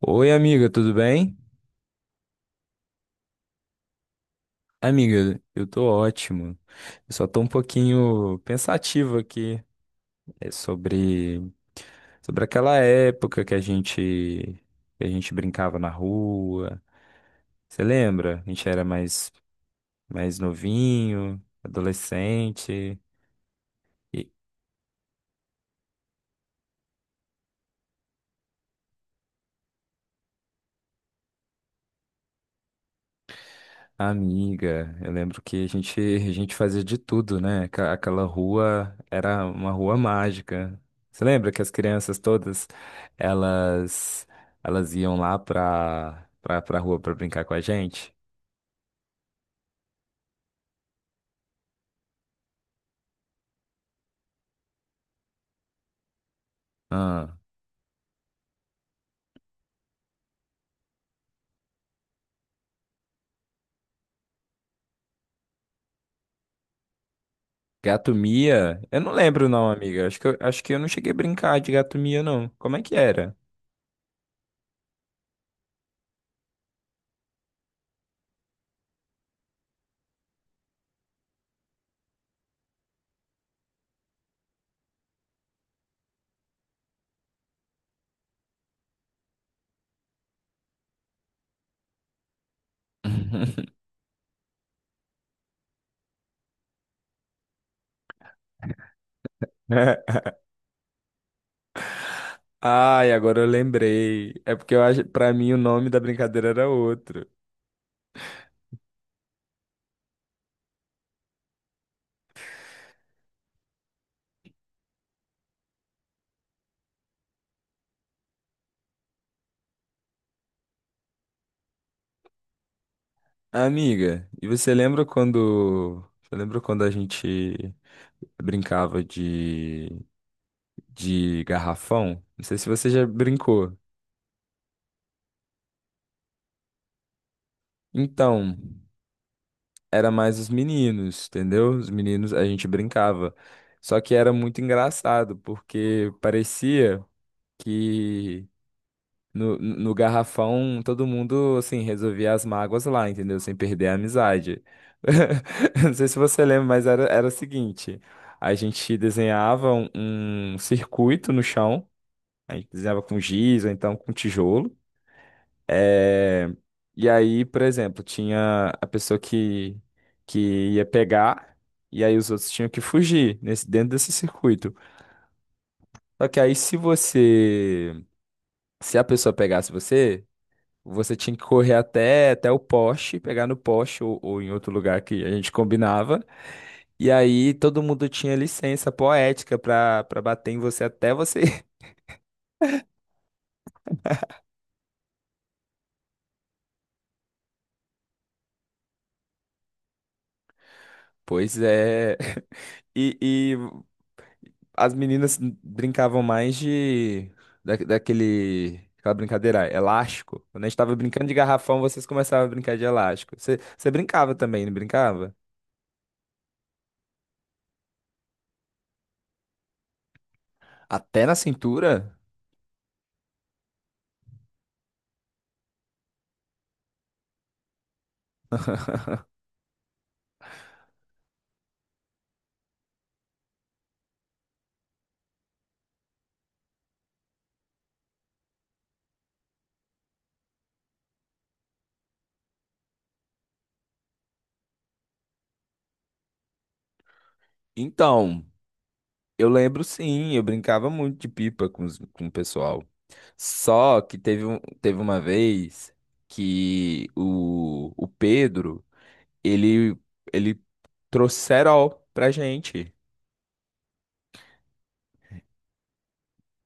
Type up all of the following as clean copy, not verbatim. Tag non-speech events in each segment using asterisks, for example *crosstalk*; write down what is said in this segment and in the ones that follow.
Oi, amiga, tudo bem? Amiga, eu tô ótimo. Eu só tô um pouquinho pensativo aqui sobre sobre aquela época que a gente brincava na rua. Você lembra? A gente era mais novinho, adolescente. Amiga, eu lembro que a gente, *laughs* a gente fazia de tudo, né? Aquela rua era uma rua mágica. Você lembra que as crianças todas, elas, elas iam lá pra rua pra brincar com a gente? Ah, gato Mia? Eu não lembro não, amiga. Acho que eu não cheguei a brincar de gato Mia, não. Como é que era? *laughs* Ai, agora eu lembrei. É porque eu acho, para mim o nome da brincadeira era outro. Amiga, e você lembra quando. Você lembra quando a gente brincava de garrafão? Não sei se você já brincou. Então, era mais os meninos, entendeu? Os meninos a gente brincava. Só que era muito engraçado, porque parecia. Que no garrafão, todo mundo, assim, resolvia as mágoas lá, entendeu? Sem perder a amizade. *laughs* Não sei se você lembra, mas era o seguinte: a gente desenhava um circuito no chão, a gente desenhava com giz ou então com tijolo. É, E aí, por exemplo, tinha a pessoa que ia pegar, e aí os outros tinham que fugir dentro desse circuito. Só que aí, se você. Se a pessoa pegasse você, você tinha que correr até o poste, pegar no poste ou em outro lugar que a gente combinava. E aí todo mundo tinha licença poética pra bater em você até você. *laughs* Pois é. *laughs* E as meninas brincavam mais de daquele aquela brincadeira elástico. Quando a gente tava brincando de garrafão, vocês começavam a brincar de elástico. Você brincava também, não brincava? Até na cintura? Então. Eu lembro sim, eu brincava muito de pipa com o pessoal. Só que teve uma vez que o Pedro, ele, ele trouxe cerol pra gente.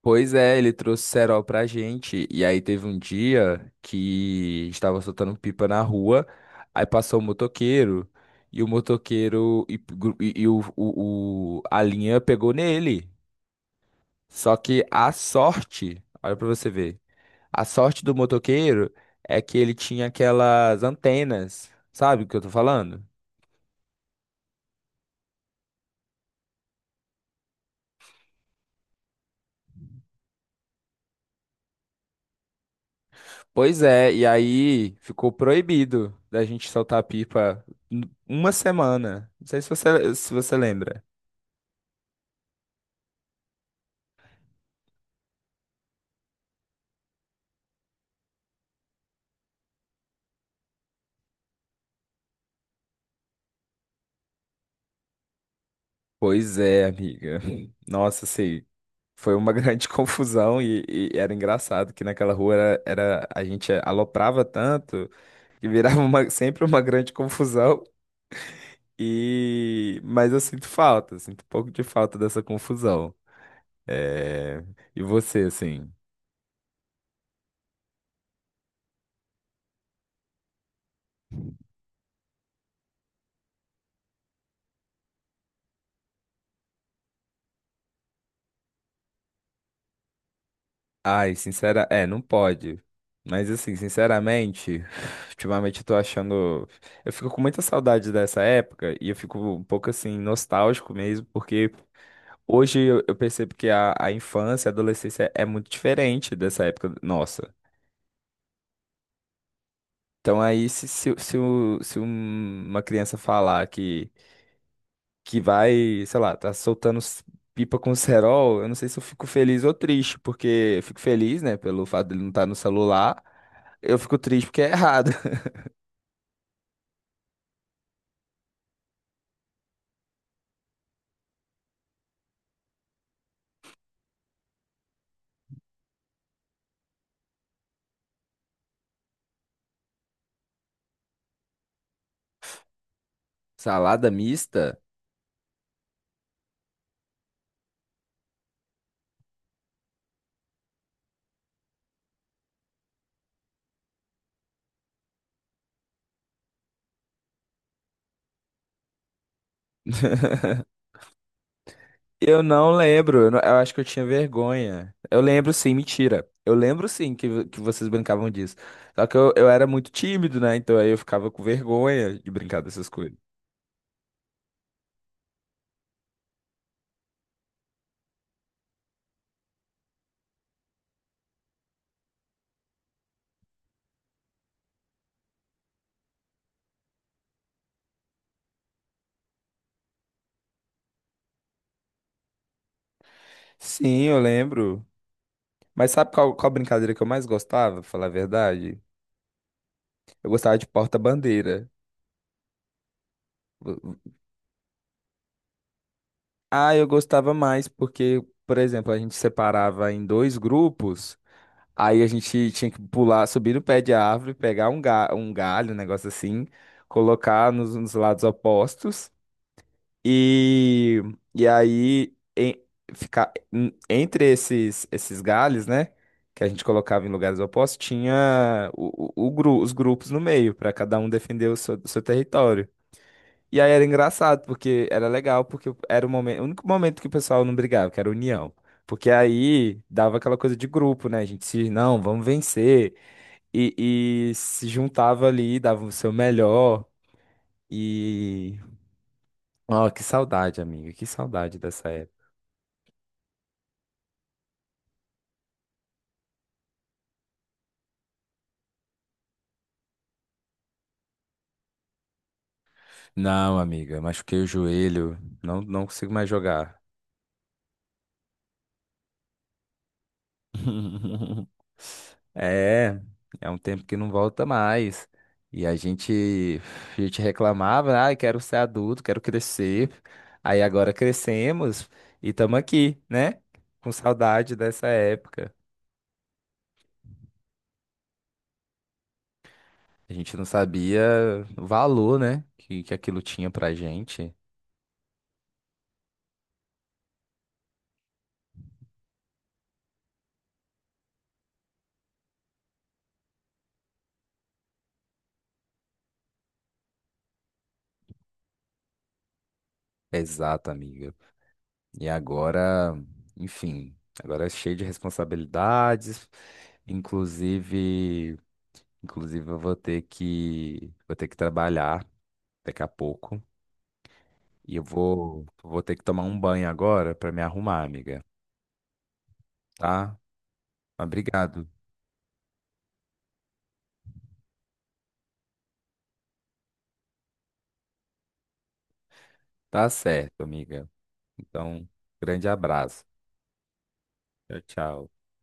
Pois é, ele trouxe cerol pra gente. E aí teve um dia que estava soltando pipa na rua, aí passou o motoqueiro e, gru- e o- a linha pegou nele. Só que a sorte, olha pra você ver. A sorte do motoqueiro é que ele tinha aquelas antenas, sabe o que eu tô falando? Pois é, e aí ficou proibido da gente soltar pipa uma semana. Não sei se você lembra. Pois é, amiga. *laughs* Nossa, sei. Foi uma *laughs* grande confusão e era engraçado que naquela rua a gente aloprava tanto que virava sempre uma grande confusão. E mas eu sinto falta, sinto um pouco de falta dessa confusão. É, E você, assim? Ai, sincera... É, não pode. Mas, assim, sinceramente, *laughs* *sighs* ultimamente eu tô achando... Eu fico com muita saudade dessa época e eu fico um pouco, assim, nostálgico mesmo, porque hoje eu percebo que a infância, a adolescência é muito diferente dessa época nossa. Então aí, se, o- se um- uma criança falar que vai, sei lá, tá soltando pipa com cerol, eu não sei se eu fico feliz ou triste, porque eu fico feliz, né, pelo fato dele não estar no celular. Eu fico triste porque é errado. *laughs* Salada mista? *laughs* Eu não lembro, eu, não- eu acho que eu tinha vergonha. Eu lembro sim, mentira. Eu lembro sim que vocês brincavam disso. Só que eu era muito tímido, né? Então aí eu ficava com vergonha de brincar dessas coisas. Sim, eu lembro. Mas sabe qual brincadeira que eu mais gostava, pra falar a verdade? Eu gostava de porta-bandeira. Ah, eu gostava mais porque, por exemplo, a gente separava em dois grupos, aí a gente tinha que pular, subir no pé de árvore, pegar um galho, um negócio assim, colocar nos lados opostos e, e aí em- ficar entre esses galhos, né? Que a gente colocava em lugares opostos, tinha os grupos no meio, para cada um defender o seu território. E aí era engraçado, porque era legal, porque era o momento, o único momento que o pessoal não brigava, que era a união. Porque aí dava aquela coisa de grupo, né? A gente se, não, vamos vencer. E se juntava ali, dava o seu melhor. E. Ó, que saudade, amiga, que saudade dessa época. Não, amiga, machuquei o joelho, não consigo mais jogar. *laughs* É, é um tempo que não volta mais. E a gente, a gente reclamava, ah, quero ser adulto, quero crescer. Aí agora crescemos e estamos aqui, né? Com saudade dessa época. A gente não sabia o valor, né? Que aquilo tinha pra gente. Exato, amiga. E agora, enfim, agora é cheio de responsabilidades, inclusive. Inclusive, eu vou ter que trabalhar daqui a pouco. E eu vou ter que tomar um banho agora para me arrumar, amiga. Tá? Obrigado. Tá certo, amiga. Então, grande abraço. Tchau, tchau.